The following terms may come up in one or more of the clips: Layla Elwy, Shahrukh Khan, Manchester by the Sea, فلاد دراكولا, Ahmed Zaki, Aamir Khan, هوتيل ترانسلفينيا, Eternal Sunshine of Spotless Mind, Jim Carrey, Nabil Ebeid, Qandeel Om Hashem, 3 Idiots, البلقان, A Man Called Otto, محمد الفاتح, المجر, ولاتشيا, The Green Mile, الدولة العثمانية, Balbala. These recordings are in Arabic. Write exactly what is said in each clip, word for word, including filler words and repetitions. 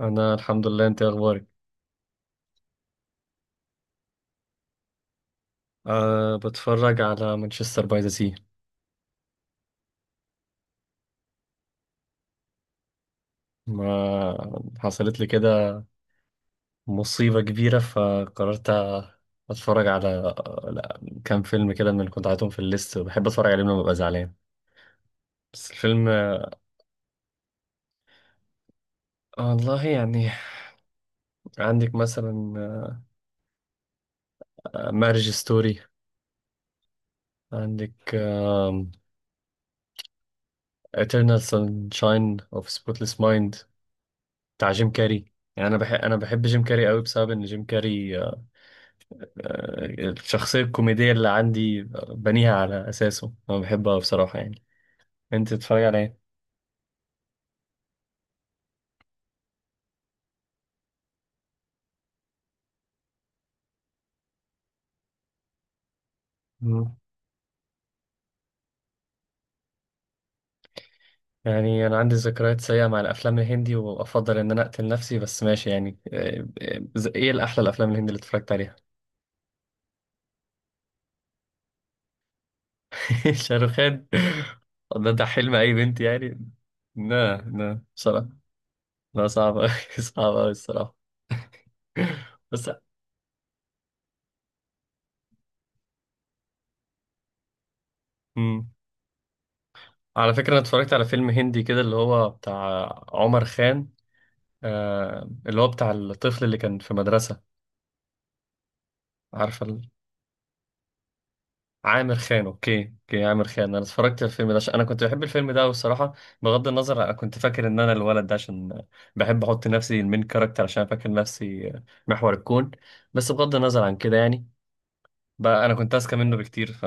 انا الحمد لله. انت إيه اخبارك؟ أه بتفرج على مانشستر باي ذا سي. ما حصلت لي كده، مصيبة كبيرة، فقررت اتفرج على، لا، كام فيلم كده من اللي كنت عايزهم في الليست وبحب اتفرج عليهم لما ببقى زعلان. بس الفيلم آه، والله يعني. عندك مثلا مارج ستوري، عندك Eternal Sunshine of Spotless Mind بتاع جيم كاري. يعني انا بحب انا بحب جيم كاري قوي بسبب ان جيم كاري الشخصية الكوميدية اللي عندي بنيها على أساسه. أنا بحبها بصراحة يعني. أنت بتتفرج على إيه؟ مم. يعني أنا عندي ذكريات سيئة مع الأفلام الهندي وأفضل إن أنا أقتل نفسي، بس ماشي يعني. آه، آه، إيه الأحلى الأفلام الهندي اللي اتفرجت عليها؟ شاروخان، ده ده حلم أي بنت يعني. لا لا بصراحة، لا صعب أوي. صعب أوي الصراحة. بس مم. على فكرة أنا اتفرجت على فيلم هندي كده اللي هو بتاع عمر خان، آه اللي هو بتاع الطفل اللي كان في مدرسة. عارفة ال- عامر خان، اوكي اوكي، عامر خان. انا اتفرجت على الفيلم ده عشان انا كنت بحب الفيلم ده، والصراحة بغض النظر انا كنت فاكر ان انا الولد ده، عشان بحب احط نفسي المين كاركتر عشان فاكر نفسي محور الكون. بس بغض النظر عن كده يعني، بقى انا كنت اذكى منه بكتير،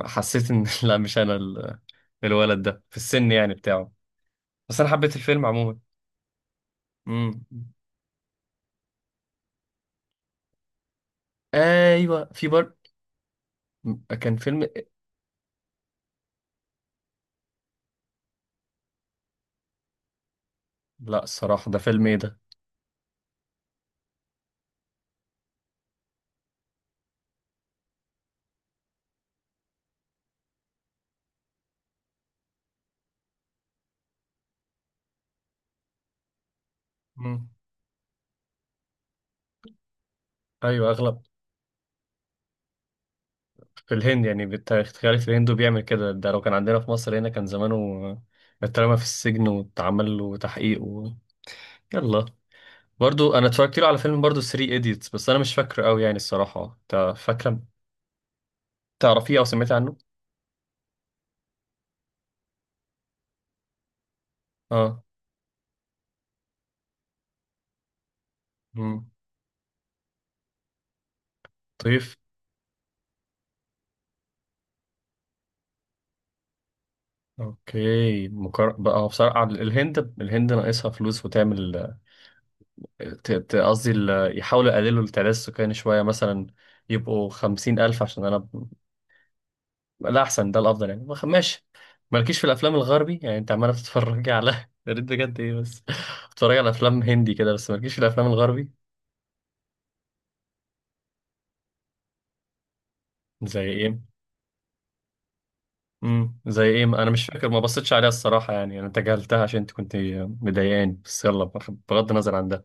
فحسيت ان لا مش انا ال- الولد ده في السن يعني بتاعه. بس انا حبيت الفيلم عموما. امم، ايوه في بر. كان فيلم إيه؟ لا الصراحة ده فيلم ايه، ده ايوه. اغلب في الهند يعني، بتخيل في الهند بيعمل كده، ده لو كان عندنا في مصر هنا كان زمانه اترمى في السجن واتعمل له تحقيق و... يلا. برضو انا اتفرجت له على فيلم برضو ثري ايديتس، بس انا مش فاكره قوي يعني الصراحه. انت فاكره، تعرفيه او سمعتي عنه؟ اه، امم، طيب. اوكي مكر... بقى هو بصراحه، الهند الهند ناقصها فلوس وتعمل، ت- ت- قصدي ال- يحاولوا يقللوا التعداد السكاني شويه مثلا، يبقوا خمسين ألف عشان أنا، ده احسن ده الافضل يعني. وخ- ماشي. مالكيش في الافلام الغربي يعني، انت عماله بتتفرجي على يا ريت بجد، ايه بس، بتتفرجي على افلام هندي كده بس مالكيش في الافلام الغربي. زي ايه؟ امم زي ايه، انا مش فاكر، ما بصيتش عليها الصراحه يعني، انا تجاهلتها عشان انت كنت مضايقاني. بس يلا، بخ- بغض النظر عن ده،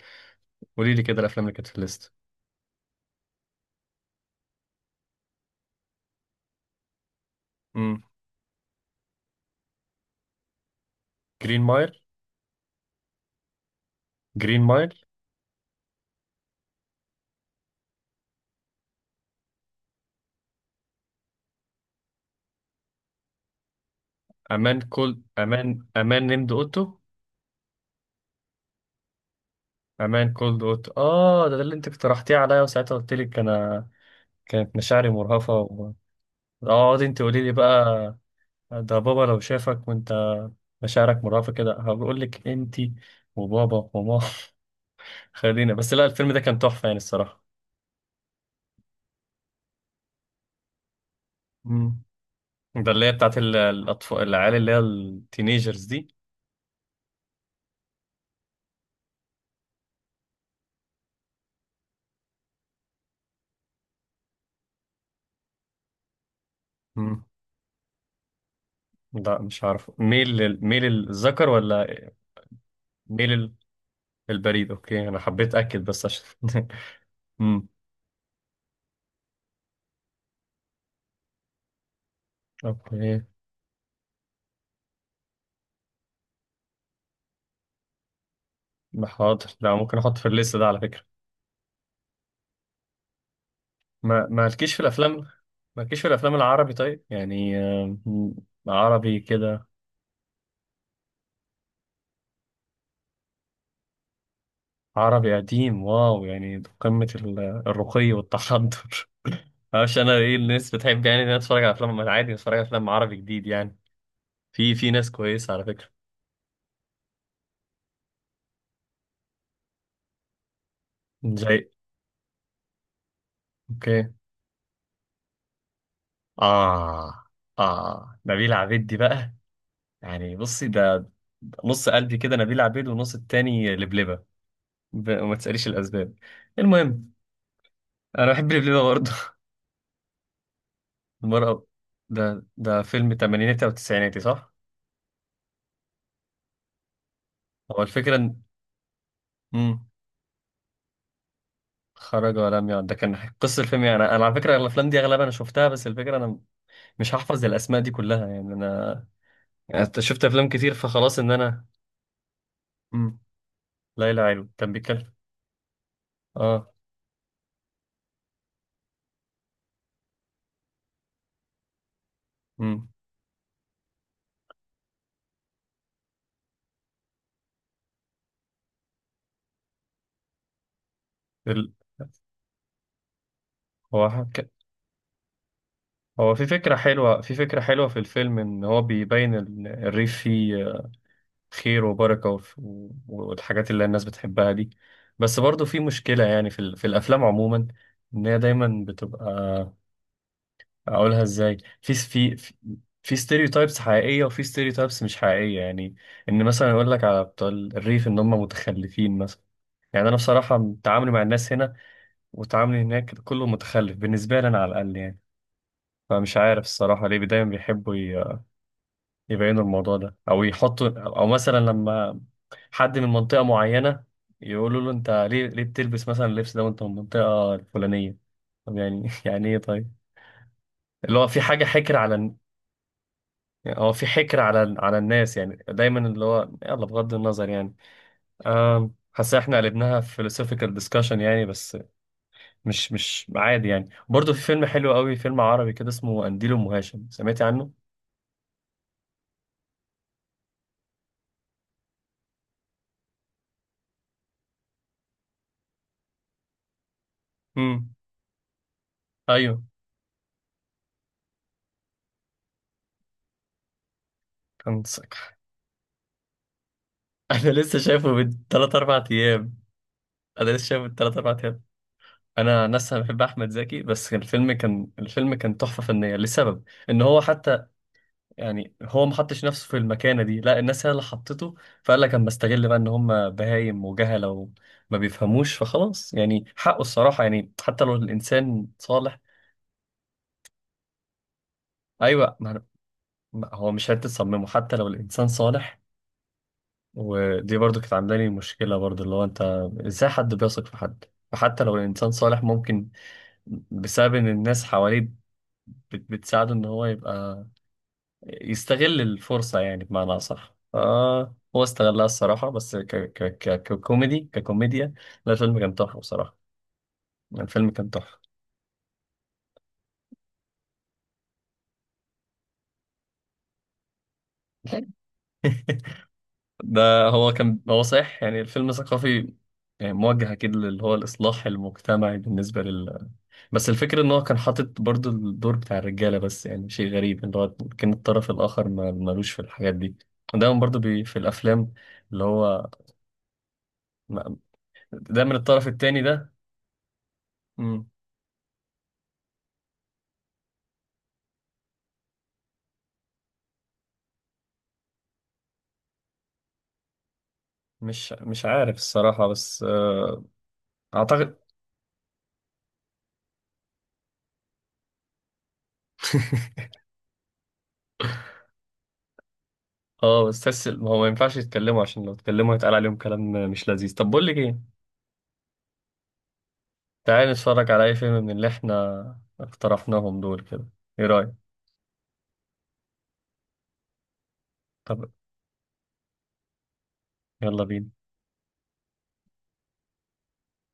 قولي لي كده الافلام اللي كانت في الليست. امم، جرين مايل، جرين مايل، امان كولد امان، امان نيمد اوتو، امان كولد اوتو. اه ده, ده اللي انت اقترحتيه عليا وساعتها قلت لك انا كانت مشاعري مرهفة. اقعد انت قولي لي بقى. ده بابا لو شافك وانت مشاعرك مرهفة كده هقول لك انت وبابا وماما خلينا بس، لا الفيلم ده كان تحفة يعني الصراحة. مم. ده اللي هي بتاعت ال- الأطفال العيال اللي هي التينيجرز دي. مم. لا مش عارف، ميل لل- ميل الذكر ولا ميل ال- البريد؟ اوكي، انا حبيت اكد بس عشان مم. اوكي، حاضر، لا ممكن احط في الليست ده على فكرة. ما مالكيش في الافلام، مالكيش في الافلام العربي طيب يعني، آم، عربي كده. عربي قديم، واو، يعني قمة ال- الرقي والتحضر. معرفش انا ايه، الناس بتحب يعني إن أنا اتفرج على افلام عادي، اتفرج على افلام عربي جديد يعني، في في ناس كويسة على فكرة. زي، اوكي، اه. اه نبيل عبيد دي بقى، يعني بصي ده نص قلبي كده نبيل عبيد، ونص التاني لبلبة. ب- وما تسأليش الأسباب. المهم، أنا بحب لبلبة برضه المرأة، ده ده فيلم تمانيناتي أو تسعيناتي صح؟ هو الفكرة إن، مم. خرج ولم يعد، ده كان قصة الفيلم. يعني أنا أنا على فكرة الأفلام دي أغلبها أنا شفتها، بس الفكرة أنا مش هحفظ الأسماء دي كلها يعني أنا، يعني أنت شفت أفلام كتير فخلاص إن أنا. مم. ليلى علوي كان بيتكلم، آه. مم. ال... هو حك... هو في فكرة حلوة، في فكرة حلوة في الفيلم، إن هو بيبين ال- الريف فيه خير وبركة وف- و- والحاجات اللي الناس بتحبها دي. بس برضو في مشكلة يعني في, ال- في الأفلام عموما، إن هي دايما بتبقى، أقولها إزاي، في في في في ستيريوتايبس حقيقية وفي ستيريوتايبس مش حقيقية يعني. إن مثلا يقول لك على بتوع الريف إن هم متخلفين مثلا، يعني أنا بصراحة تعاملي مع الناس هنا وتعاملي هناك كله متخلف بالنسبة لي أنا على الأقل يعني. فمش عارف الصراحة ليه دايما بيحبوا ي- يبينوا الموضوع ده، أو يحطوا، أو مثلا لما حد من منطقة معينة يقولوا له انت ليه، ليه بتلبس مثلا اللبس ده وانت من المنطقة الفلانية. طب يعني يعني ايه طيب، اللي هو في حاجة حكر على الن- يعني هو في حكر على على الناس يعني؟ دايما اللي هو، يلا بغض النظر يعني. آم، حاسس احنا قلبناها philosophical discussion يعني. بس مش مش عادي يعني. برضه في فيلم حلو قوي، فيلم عربي كده اسمه قنديل ام هاشم، سمعتي عنه؟ امم، ايوه، كان. انا لسه شايفه من ثلاث أربع ايام، انا لسه شايفه من ثلاث أربع ايام. انا نفسي بحب احمد زكي، بس الفيلم كان، الفيلم كان تحفه فنيه، لسبب ان هو حتى يعني هو ما حطش نفسه في المكانه دي، لا الناس هي اللي حطته، فقال لك اما استغل بقى، ان هم بهايم وجهله وما بيفهموش فخلاص يعني حقه الصراحه يعني، حتى لو الانسان صالح. ايوه ما أنا- ما- هو مش حته تصممه حتى لو الانسان صالح. ودي برضو كانت عامله لي مشكله، برضو اللي هو انت ازاي حد بيثق في حد. فحتى لو الانسان صالح ممكن بسبب ان الناس حواليه بت- بتساعده ان هو يبقى يستغل الفرصة، يعني بمعنى أصح آه هو استغلها الصراحة. بس ك ك ك ككوميدي ككوميديا، لا الفيلم كان تحفة بصراحة. الفيلم كان تحفة. ده هو كان، هو صحيح يعني الفيلم ثقافي، يعني موجه أكيد اللي هو الإصلاح المجتمعي بالنسبة لل. بس الفكرة إن هو كان حاطط برضو الدور بتاع الرجالة بس، يعني شيء غريب إن هو كان الطرف الآخر ما- ملوش في الحاجات دي. دايما برضو بي في الأفلام اللي هو ما- دايما الطرف التاني ده، مش مش عارف الصراحة بس آه، أعتقد. اه بس تحس ما هو ما ينفعش يتكلموا، عشان لو اتكلموا هيتقال عليهم كلام مش لذيذ. طب بقول لك ايه، تعالى نتفرج على اي فيلم من اللي احنا اقترحناهم دول كده، ايه رأيك؟ طب يلا بينا.